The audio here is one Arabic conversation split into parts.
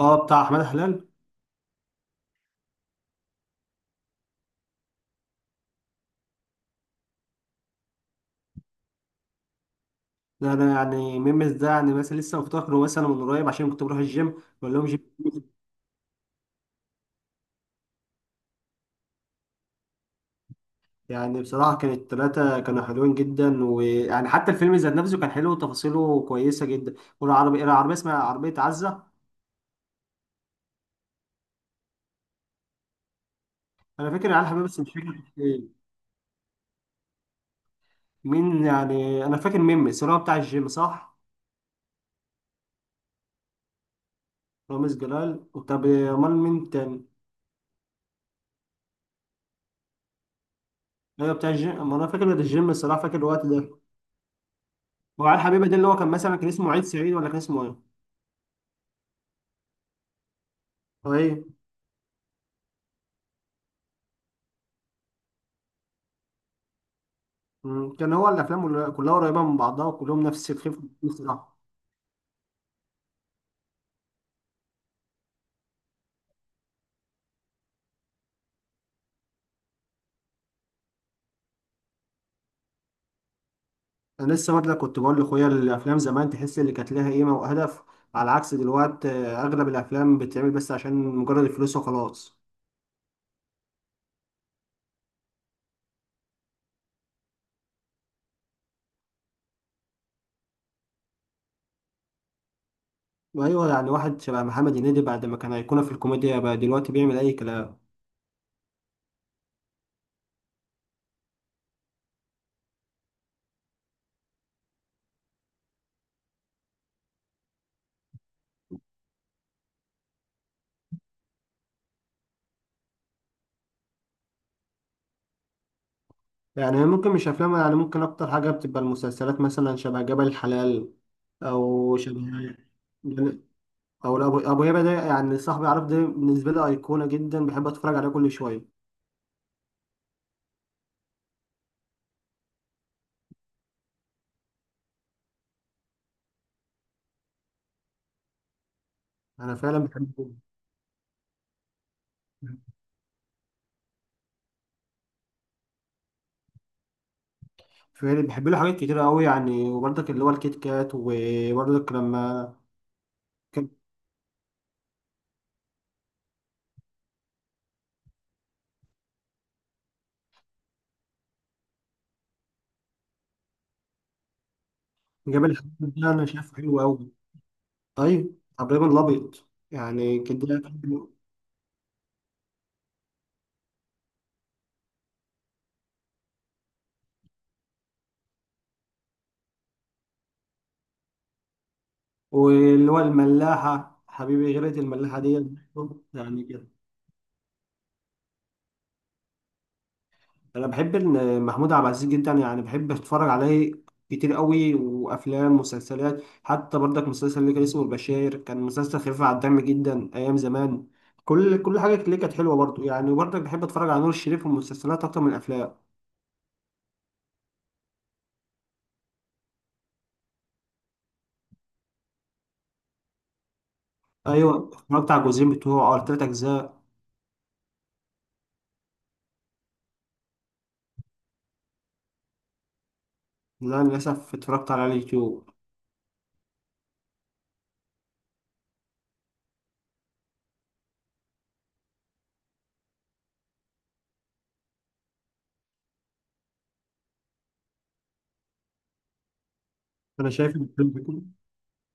اه، بتاع احمد حلال. ده انا يعني ميمز ده يعني مثلا لسه مفتكره مثلا من قريب عشان كنت بروح الجيم بقول لهم جيم. يعني بصراحه كانت الثلاثه كانوا حلوين جدا، ويعني حتى الفيلم ذات نفسه كان حلو وتفاصيله كويسه جده. والعربيه اسمها عربيه عزه. انا فاكر العيال حبيبي بس مش فاكر مين. يعني انا فاكر ميمز اللي هو بتاع الجيم، صح؟ رامز جلال. طب امال مين تاني؟ ايوه بتاع الجيم، أما انا فاكر الجيم الصراحه، فاكر الوقت ده. وعلى الحبيبه ده اللي هو كان مثلا كان اسمه عيد سعيد، ولا كان اسمه ايه؟ كان هو الافلام كلها قريبه من بعضها، وكلهم نفس الخفه نفس الراحه. انا لسه برضه كنت بقول لاخويا الافلام زمان تحس اللي كانت لها قيمه وهدف، على عكس دلوقتي اغلب الافلام بتتعمل بس عشان مجرد الفلوس وخلاص. وايوه يعني واحد شبه محمد هنيدي، بعد ما كان ايقونه في الكوميديا بقى دلوقتي بيعمل اي كلام. يعني ممكن مش افلام، يعني ممكن اكتر حاجه بتبقى المسلسلات مثلا شبه جبل الحلال، او شبه، او ابو هيبه ده. يعني صاحبي، عارف، ده بالنسبه لي ايقونه جدا، بحب اتفرج عليه كل شويه. انا فعلا بحبه. فعلا بحب له حاجات كتير قوي، يعني وبرضك اللي هو الكيت كات، وبرضك لما كان جاب الحاجات ده انا شايفه حلو قوي. طيب ابراهيم الابيض يعني كده. واللي هو الملاحه حبيبي، غيرة الملاحه دي. يعني انا بحب ان محمود عبد العزيز جدا، يعني بحب اتفرج عليه كتير قوي. وافلام ومسلسلات حتى برضك، مسلسل اللي كان اسمه البشاير كان مسلسل خفيف على الدم جدا ايام زمان. كل حاجه اللي كانت حلوه برضه، يعني وبرضك بحب اتفرج على نور الشريف، والمسلسلات اكتر من الافلام. ايوه اتفرجت على الجزئين بتوعه او التلات اجزاء. لا للاسف اتفرجت على اليوتيوب. انا شايف الفيلم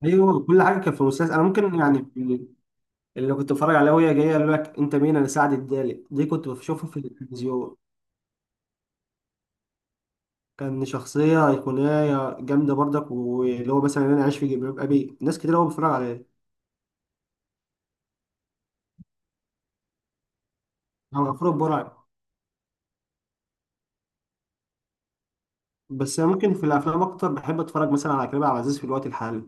ايوه كل حاجه كانت في المسلسل انا ممكن يعني اللي كنت بتفرج عليه، وهي جايه يقول لك انت مين، انا سعد الدالي، دي كنت بشوفها في التلفزيون. كان شخصية أيقونية جامدة برضك، واللي هو مثلا أنا عايش في جلباب أبي، ناس كتير أوي بتتفرج عليه. أو غفور البرعي. بس أنا ممكن في الأفلام أكتر بحب أتفرج مثلا على كريم عبد العزيز في الوقت الحالي.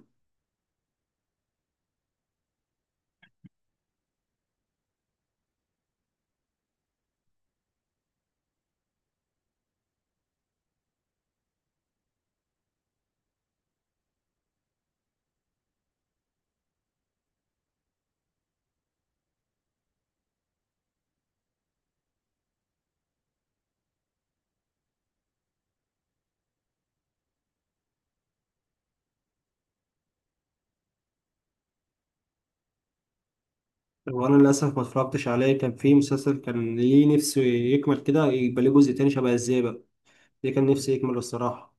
وأنا للأسف ما اتفرجتش عليه. كان في مسلسل كان ليه نفسه يكمل كده يبقى ليه جزء تاني شبه الزيبق، ده كان نفسي يكمل الصراحة.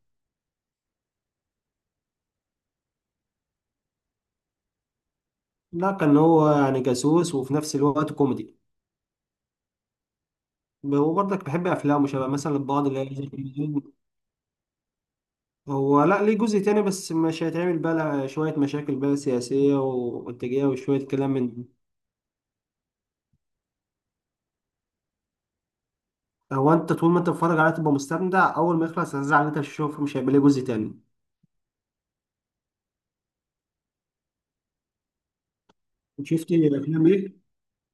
لا كان هو يعني جاسوس وفي نفس الوقت كوميدي. وبرضك بحب أفلامه شبه مثلا بعض اللي هي هو. لا ليه جزء تاني بس مش هيتعمل، بقى لها شوية مشاكل بقى سياسية وانتاجية وشوية كلام من ده. هو انت طول ما انت بتتفرج عليه تبقى مستمتع، اول ما يخلص هتزعل ان انت مش هتشوف، مش هيبقى ليه جزء تاني. شفت افلام ايه؟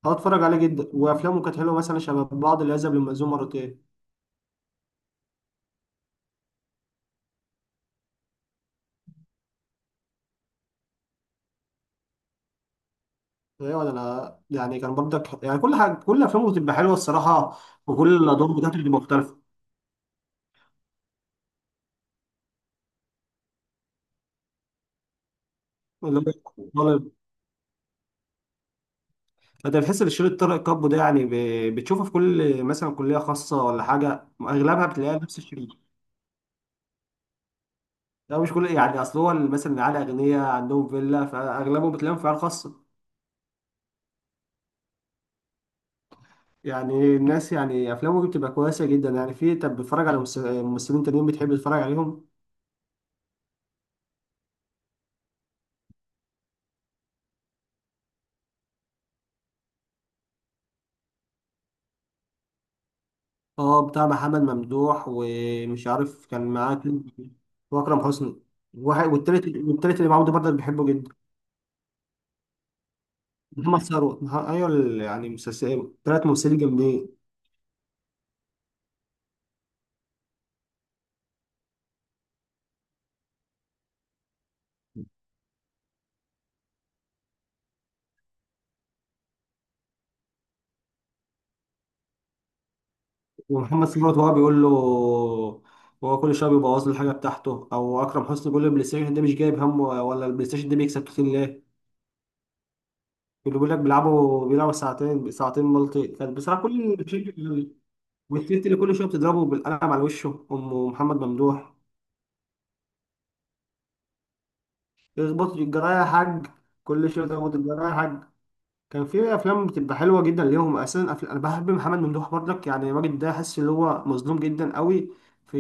اه اتفرج عليه جدا، وافلامه كانت حلوه مثلا شبه بعض اللي ذهب للمأذون مرتين. ايه ولا انا يعني كان برضك يعني كل حاجه، كل افلامه بتبقى حلوه الصراحه، وكل الادوار بتاعته بتبقى مختلفه. اللي هو طالب. انت بتحس ان شريط طارق كابو ده يعني بتشوفه في كل مثلا كليه خاصه ولا حاجه، اغلبها بتلاقيها نفس الشريط. لا مش كل يعني، اصل هو مثلا العيال اغنياء عندهم فيلا، فاغلبهم بتلاقيهم في عيال خاصه. يعني الناس يعني افلامهم بتبقى كويسه جدا يعني. في، طب بتتفرج على ممثلين تانيين بتحب تتفرج عليهم؟ اه بتاع محمد ممدوح ومش عارف كان معاه كلب. واكرم حسني. واحد والتالت اللي معاهم ده برضه بحبه جدا. محمد ثروت، ايوه يعني مسلسل تلات ممثلين جامدين. ومحمد صلاح برضه هو بيقول له، هو كل شويه بيبوظ له الحاجه بتاعته، او اكرم حسني بيقول له البلاي ستيشن ده مش جايب همه، ولا البلاي ستيشن ده بيكسب كتير ليه؟ اللي بيقول لك بيلعبوا بيلعبوا ساعتين ساعتين مالتي، كان بصراحه كل والتيت اللي كل شويه بتضربه بالقلم على وشه ام محمد ممدوح. يخبط الجرايه يا حاج. كل شويه بيخبط الجرايه يا حاج. كان في افلام بتبقى حلوه جدا ليهم اساسا. انا بحب محمد ممدوح برضك، يعني الراجل ده حاسس ان هو مظلوم جدا قوي في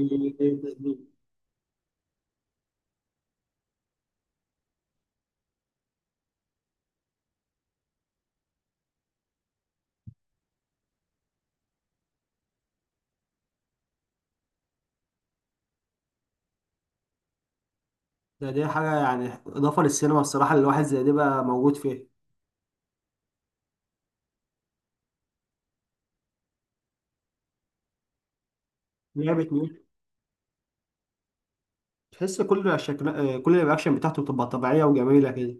ده. دي حاجة يعني إضافة للسينما الصراحة، اللي الواحد زي دي بقى موجود فيها. لعبة ميوت. تحس كل شكل، كل الرياكشن بتاعته بتبقى طبيعية وجميلة كده.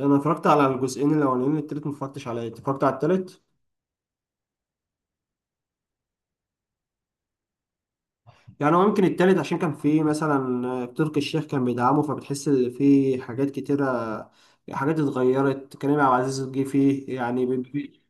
أنا اتفرجت على الجزئين الأولانيين، التالت ما اتفرجتش عليه. أنت اتفرجت على التالت؟ يعني هو يمكن التالت عشان كان فيه مثلا تركي الشيخ كان بيدعمه، فبتحس إن فيه حاجات كتيرة، حاجات اتغيرت، كريم عبد العزيز جه فيه يعني بي-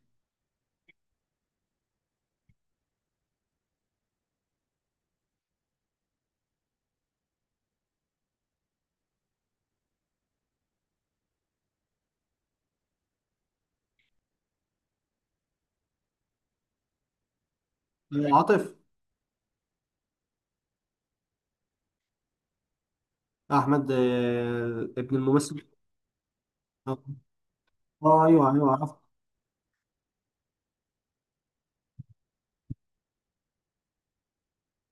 بي- عاطف. أحمد، ابن الممثل. اه. ايوه ايوه عرفت.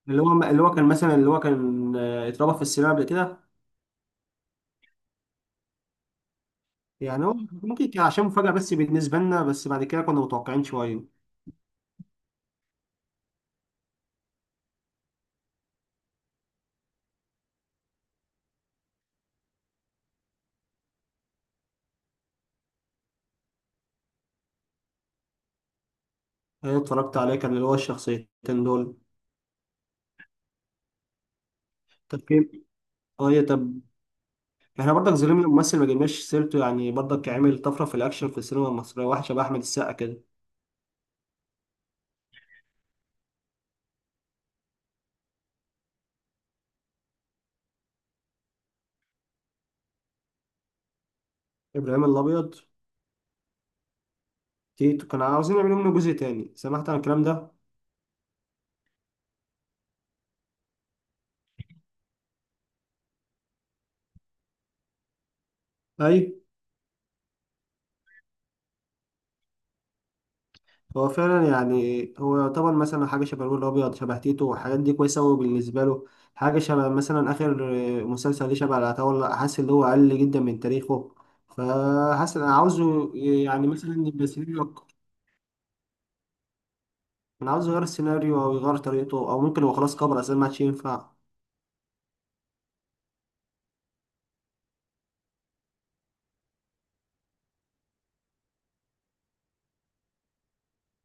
اللي هو كان مثلا اللي هو كان آه، اتربى في السينما قبل كده. يعني هو ممكن كان عشان مفاجأة بس بالنسبة لنا، بس بعد كده كنا متوقعين شوية. أنا اتفرجت عليه كان اللي هو الشخصيتين دول. طب كيف؟ طب احنا برضك ظلمنا الممثل ما جبناش سيرته، يعني برضك عمل طفرة في الأكشن في السينما المصرية، واحد شبه أحمد السقا كده. إبراهيم الأبيض. تيتو كانوا عاوزين يعملوا منه جزء تاني، سمعت عن الكلام ده؟ أيوه. هو فعلا يعني هو يعتبر مثلا حاجة شبه الولد الأبيض، شبه تيتو، والحاجات دي كويسة أوي بالنسبة له. حاجة شبه مثلا آخر مسلسل ليه شبه العتاولة، حاسس إن هو أقل جدا من تاريخه. فحاسس أنا عاوزه يعني مثلا يبقى سيناريو أكتر. أنا عاوز يغير السيناريو أو يغير طريقته، أو ممكن هو خلاص كبر أساسا ما عادش ينفع.